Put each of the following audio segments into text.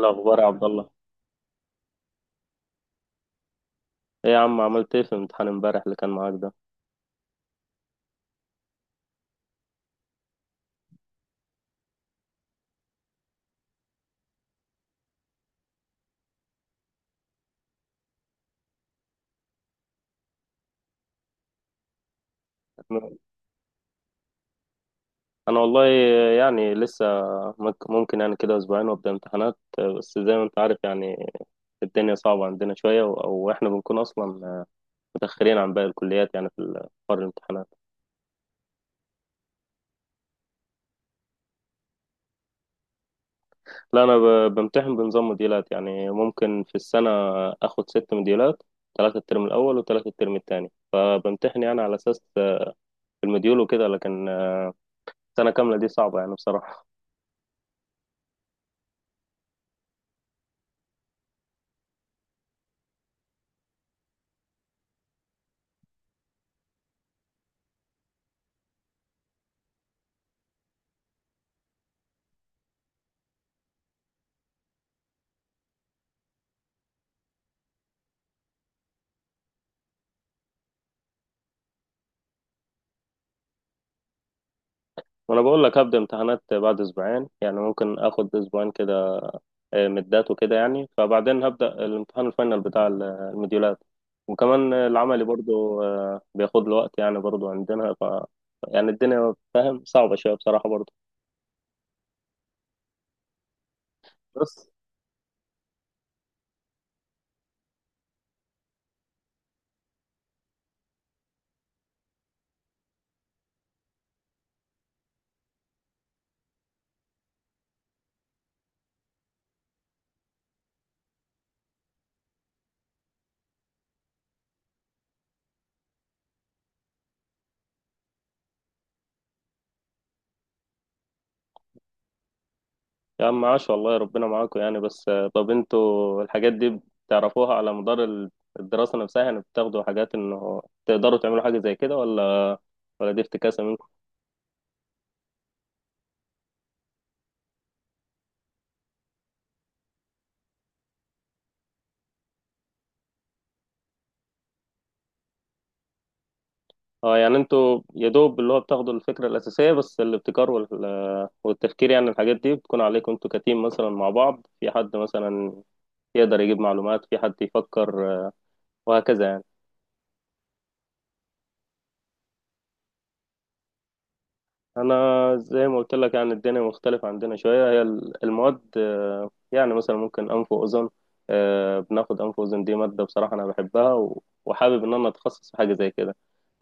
الأخبار يا عبد الله. إيه يا عم، عملت إيه في الامتحان امبارح اللي كان معاك ده؟ أنا والله يعني لسه، ممكن يعني كده أسبوعين وأبدأ امتحانات. بس زي ما أنت عارف يعني الدنيا صعبة عندنا شوية أو إحنا بنكون أصلا متأخرين عن باقي الكليات يعني في حوار الامتحانات. لا أنا بمتحن بنظام موديلات، يعني ممكن في السنة آخد ست موديلات، ثلاثة الترم الأول وثلاثة الترم التاني، فبمتحن يعني على أساس المديول وكده، لكن السنة كاملة دي صعبة يعني بصراحة. وانا بقول لك هبدا امتحانات بعد اسبوعين، يعني ممكن اخد اسبوعين كده مدات وكده يعني، فبعدين هبدا الامتحان الفاينل بتاع الموديولات، وكمان العملي برضو بياخد له وقت يعني، برضو عندنا ف يعني الدنيا فاهم صعبه شويه بصراحه برضو بس. يا عم عاش والله، ربنا معاكم يعني، بس طب انتوا الحاجات دي بتعرفوها على مدار الدراسه نفسها يعني؟ بتاخدوا حاجات انه تقدروا تعملوا حاجه زي كده، ولا ولا دي افتكاسه؟ اه يعني انتوا يا دوب اللي هو بتاخدوا الفكرة الأساسية بس، الابتكار والتفكير يعني الحاجات دي بتكون عليكم انتوا كتيم مثلا مع بعض، في حد مثلا يقدر يجيب معلومات، في حد يفكر، وهكذا يعني. انا زي ما قلت لك يعني الدنيا مختلفة عندنا شوية، هي المواد، يعني مثلا ممكن انف واذن، بناخد انف واذن، دي مادة بصراحة انا بحبها وحابب ان انا اتخصص في حاجة زي كده.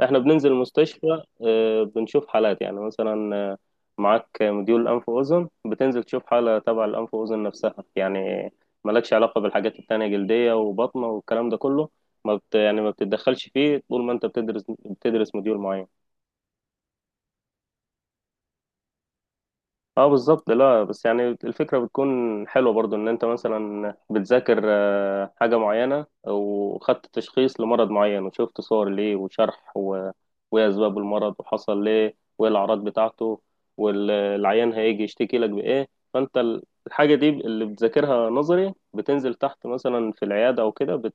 احنا بننزل المستشفى، بنشوف حالات يعني، مثلا معاك مديول انف واذن، بتنزل تشوف حالة تبع الانف واذن نفسها يعني، مالكش علاقة بالحاجات التانية، جلدية وبطنة والكلام ده كله. ما بت يعني ما بتتدخلش فيه طول ما انت بتدرس، بتدرس مديول معين. اه بالظبط، لا بس يعني الفكرة بتكون حلوة برضو، ان انت مثلا بتذاكر حاجة معينة وخدت تشخيص لمرض معين، وشفت صور ليه وشرح، و... وايه اسباب المرض، وحصل ليه، وايه الاعراض بتاعته، والعيان هيجي يشتكي لك بايه. فانت الحاجة دي اللي بتذاكرها نظري، بتنزل تحت مثلا في العيادة او كده،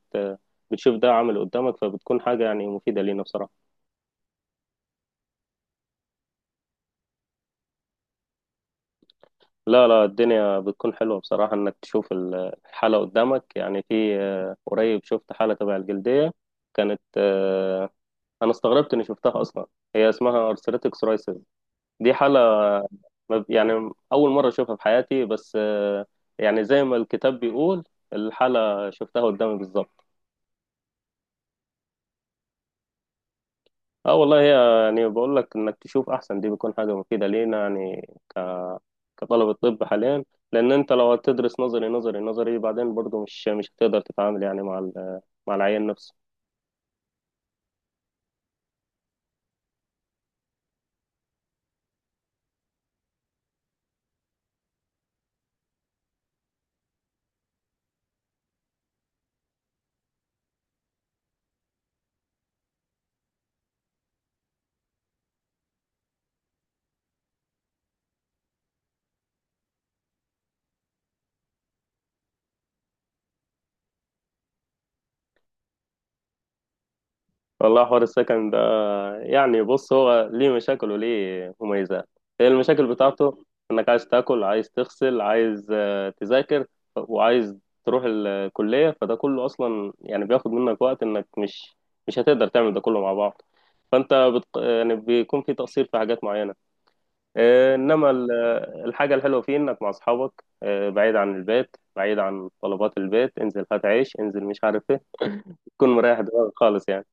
بتشوف ده عامل قدامك، فبتكون حاجة يعني مفيدة لينا بصراحة. لا لا، الدنيا بتكون حلوة بصراحة إنك تشوف الحالة قدامك، يعني في قريب شفت حالة تبع الجلدية، كانت أنا استغربت إني شفتها أصلا، هي اسمها أرثريتك سورايسيس. دي حالة يعني أول مرة أشوفها في حياتي، بس يعني زي ما الكتاب بيقول، الحالة شفتها قدامي بالظبط. اه والله، هي يعني بقول لك انك تشوف احسن، دي بيكون حاجة مفيدة لينا يعني كطلبة طب حاليا. لأن أنت لو هتدرس نظري نظري نظري بعدين برضه، مش هتقدر تتعامل يعني مع مع العيان نفسه. والله حوار السكن ده يعني، بص هو ليه مشاكل وليه مميزات. هي المشاكل بتاعته إنك عايز تاكل، عايز تغسل، عايز تذاكر، وعايز تروح الكلية، فده كله أصلا يعني بياخد منك وقت، إنك مش هتقدر تعمل ده كله مع بعض. يعني بيكون في تقصير في حاجات معينة، انما الحاجه الحلوه فيه انك مع اصحابك، بعيد عن البيت، بعيد عن طلبات البيت، انزل هات عيش، انزل مش عارف ايه، تكون مريح دماغك خالص يعني.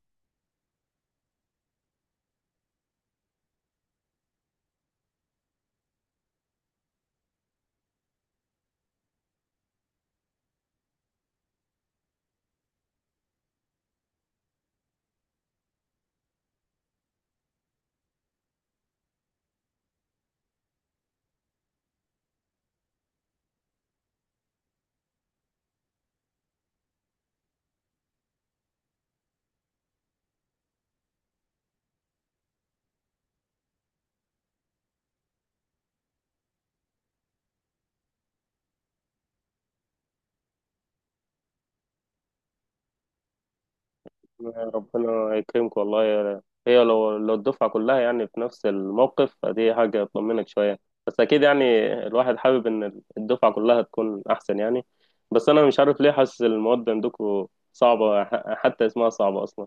ربنا يكرمك والله يا- هي لو الدفعه كلها يعني في نفس الموقف فدي حاجه تطمنك شويه، بس اكيد يعني الواحد حابب ان الدفعه كلها تكون احسن يعني. بس انا مش عارف ليه حاسس المواد عندكم صعبه، حتى اسمها صعبه اصلا.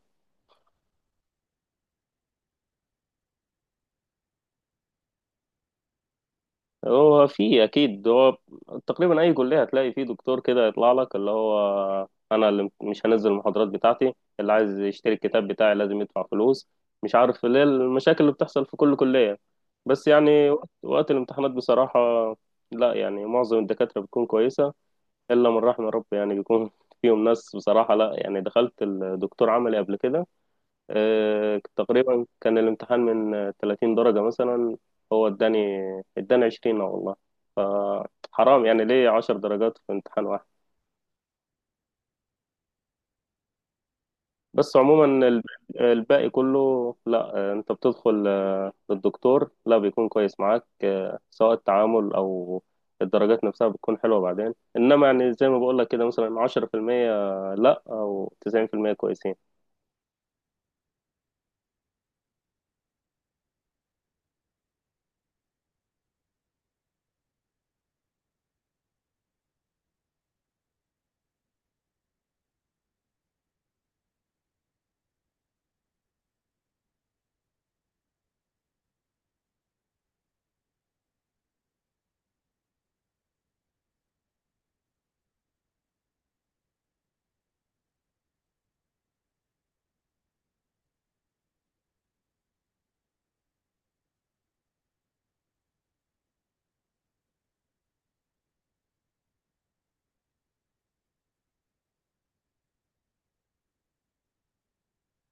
هو في اكيد، هو تقريبا اي كليه هتلاقي فيه دكتور كده يطلع لك، اللي هو انا اللي مش هنزل المحاضرات بتاعتي، اللي عايز يشتري الكتاب بتاعي لازم يدفع فلوس، مش عارف ليه، المشاكل اللي بتحصل في كل كليه، بس يعني وقت الامتحانات بصراحه. لا يعني معظم الدكاتره بتكون كويسه، الا من رحم ربي يعني بيكون فيهم ناس بصراحه. لا يعني دخلت الدكتور عملي قبل كده، تقريبا كان الامتحان من 30 درجه مثلا، هو اداني، 20 والله، حرام يعني ليه عشر درجات في امتحان واحد. بس عموما الباقي كله لا، انت بتدخل للدكتور لا بيكون كويس معاك، سواء التعامل او الدرجات نفسها بتكون حلوة بعدين، انما يعني زي ما بقول لك كده مثلا عشرة في المية لا، او تسعين في المية كويسين.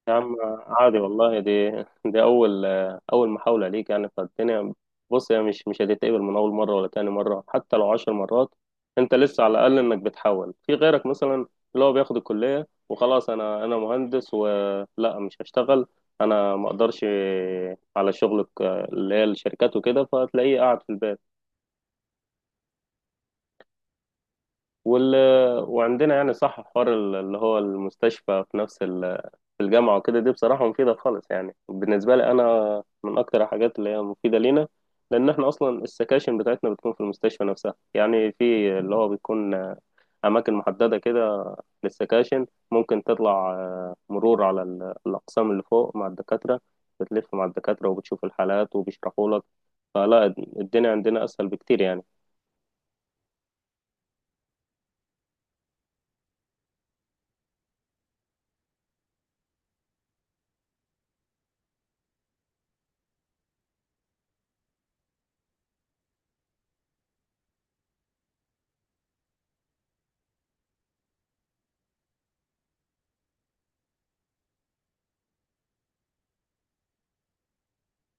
يا عم عادي والله، دي أول محاولة ليك يعني، فالدنيا بص هي مش هتتقبل من أول مرة ولا تاني مرة، حتى لو عشر مرات. أنت لسه على الأقل إنك بتحاول، في غيرك مثلا اللي هو بياخد الكلية وخلاص، أنا مهندس ولا مش هشتغل، أنا ما أقدرش على شغلك اللي هي الشركات وكده، فتلاقيه قاعد في البيت وال... وعندنا يعني صح، حوار اللي هو المستشفى في نفس في الجامعة وكده، دي بصراحة مفيدة خالص يعني، بالنسبة لي أنا من أكتر الحاجات اللي هي مفيدة لينا، لأن إحنا أصلا السكاشن بتاعتنا بتكون في المستشفى نفسها، يعني في اللي هو بيكون أماكن محددة كده للسكاشن. ممكن تطلع مرور على الأقسام اللي فوق مع الدكاترة، بتلف مع الدكاترة وبتشوف الحالات وبيشرحوا لك. فلا، الدنيا عندنا أسهل بكتير يعني.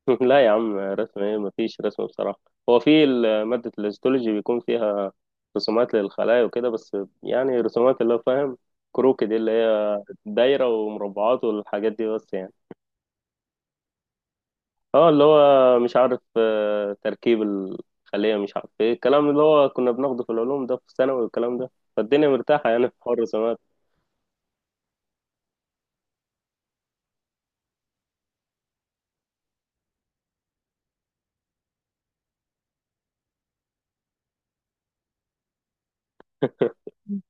لا يا عم، رسم إيه؟ مفيش رسم بصراحة. هو في مادة الهيستولوجي بيكون فيها رسومات للخلايا وكده بس، يعني رسومات اللي هو فاهم، كروكي، دي اللي هي دايرة ومربعات والحاجات دي بس يعني. اه اللي هو مش عارف، تركيب الخلية مش عارف ايه، الكلام اللي هو كنا بناخده في العلوم ده في الثانوي والكلام ده، فالدنيا مرتاحة يعني في حوار الرسومات.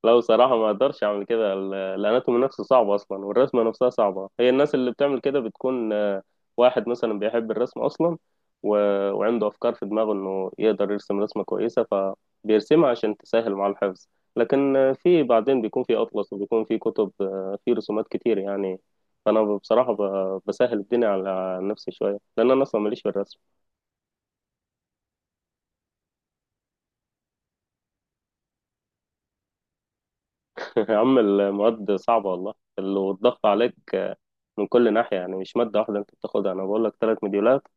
لا بصراحة ما اقدرش اعمل كده، الاناتومي نفسه صعب اصلا، والرسمة نفسها صعبة، هي الناس اللي بتعمل كده بتكون واحد مثلا بيحب الرسم اصلا و... وعنده افكار في دماغه انه يقدر يرسم رسمة كويسة، فبيرسمها عشان تسهل مع الحفظ. لكن في بعدين بيكون في اطلس وبيكون في كتب، في رسومات كتير يعني. فانا بصراحة بسهل الدنيا على نفسي شوية، لان انا اصلا ماليش في الرسم. يا عم المواد صعبة والله، والضغط عليك من كل ناحية يعني، مش مادة واحدة أنت بتاخدها، أنا بقول لك ثلاث مديولات،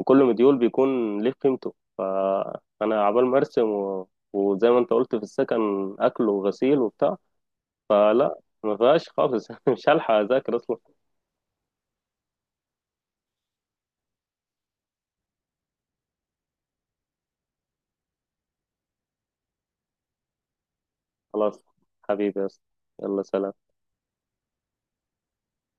وكل مديول بيكون ليه قيمته، فأنا عبال ما أرسم وزي ما أنت قلت في السكن، أكل وغسيل وبتاع، فلا ما فيهاش خالص مش هلحق أذاكر أصلا. خلاص، حبيبي يا أسطى. يلا سلام.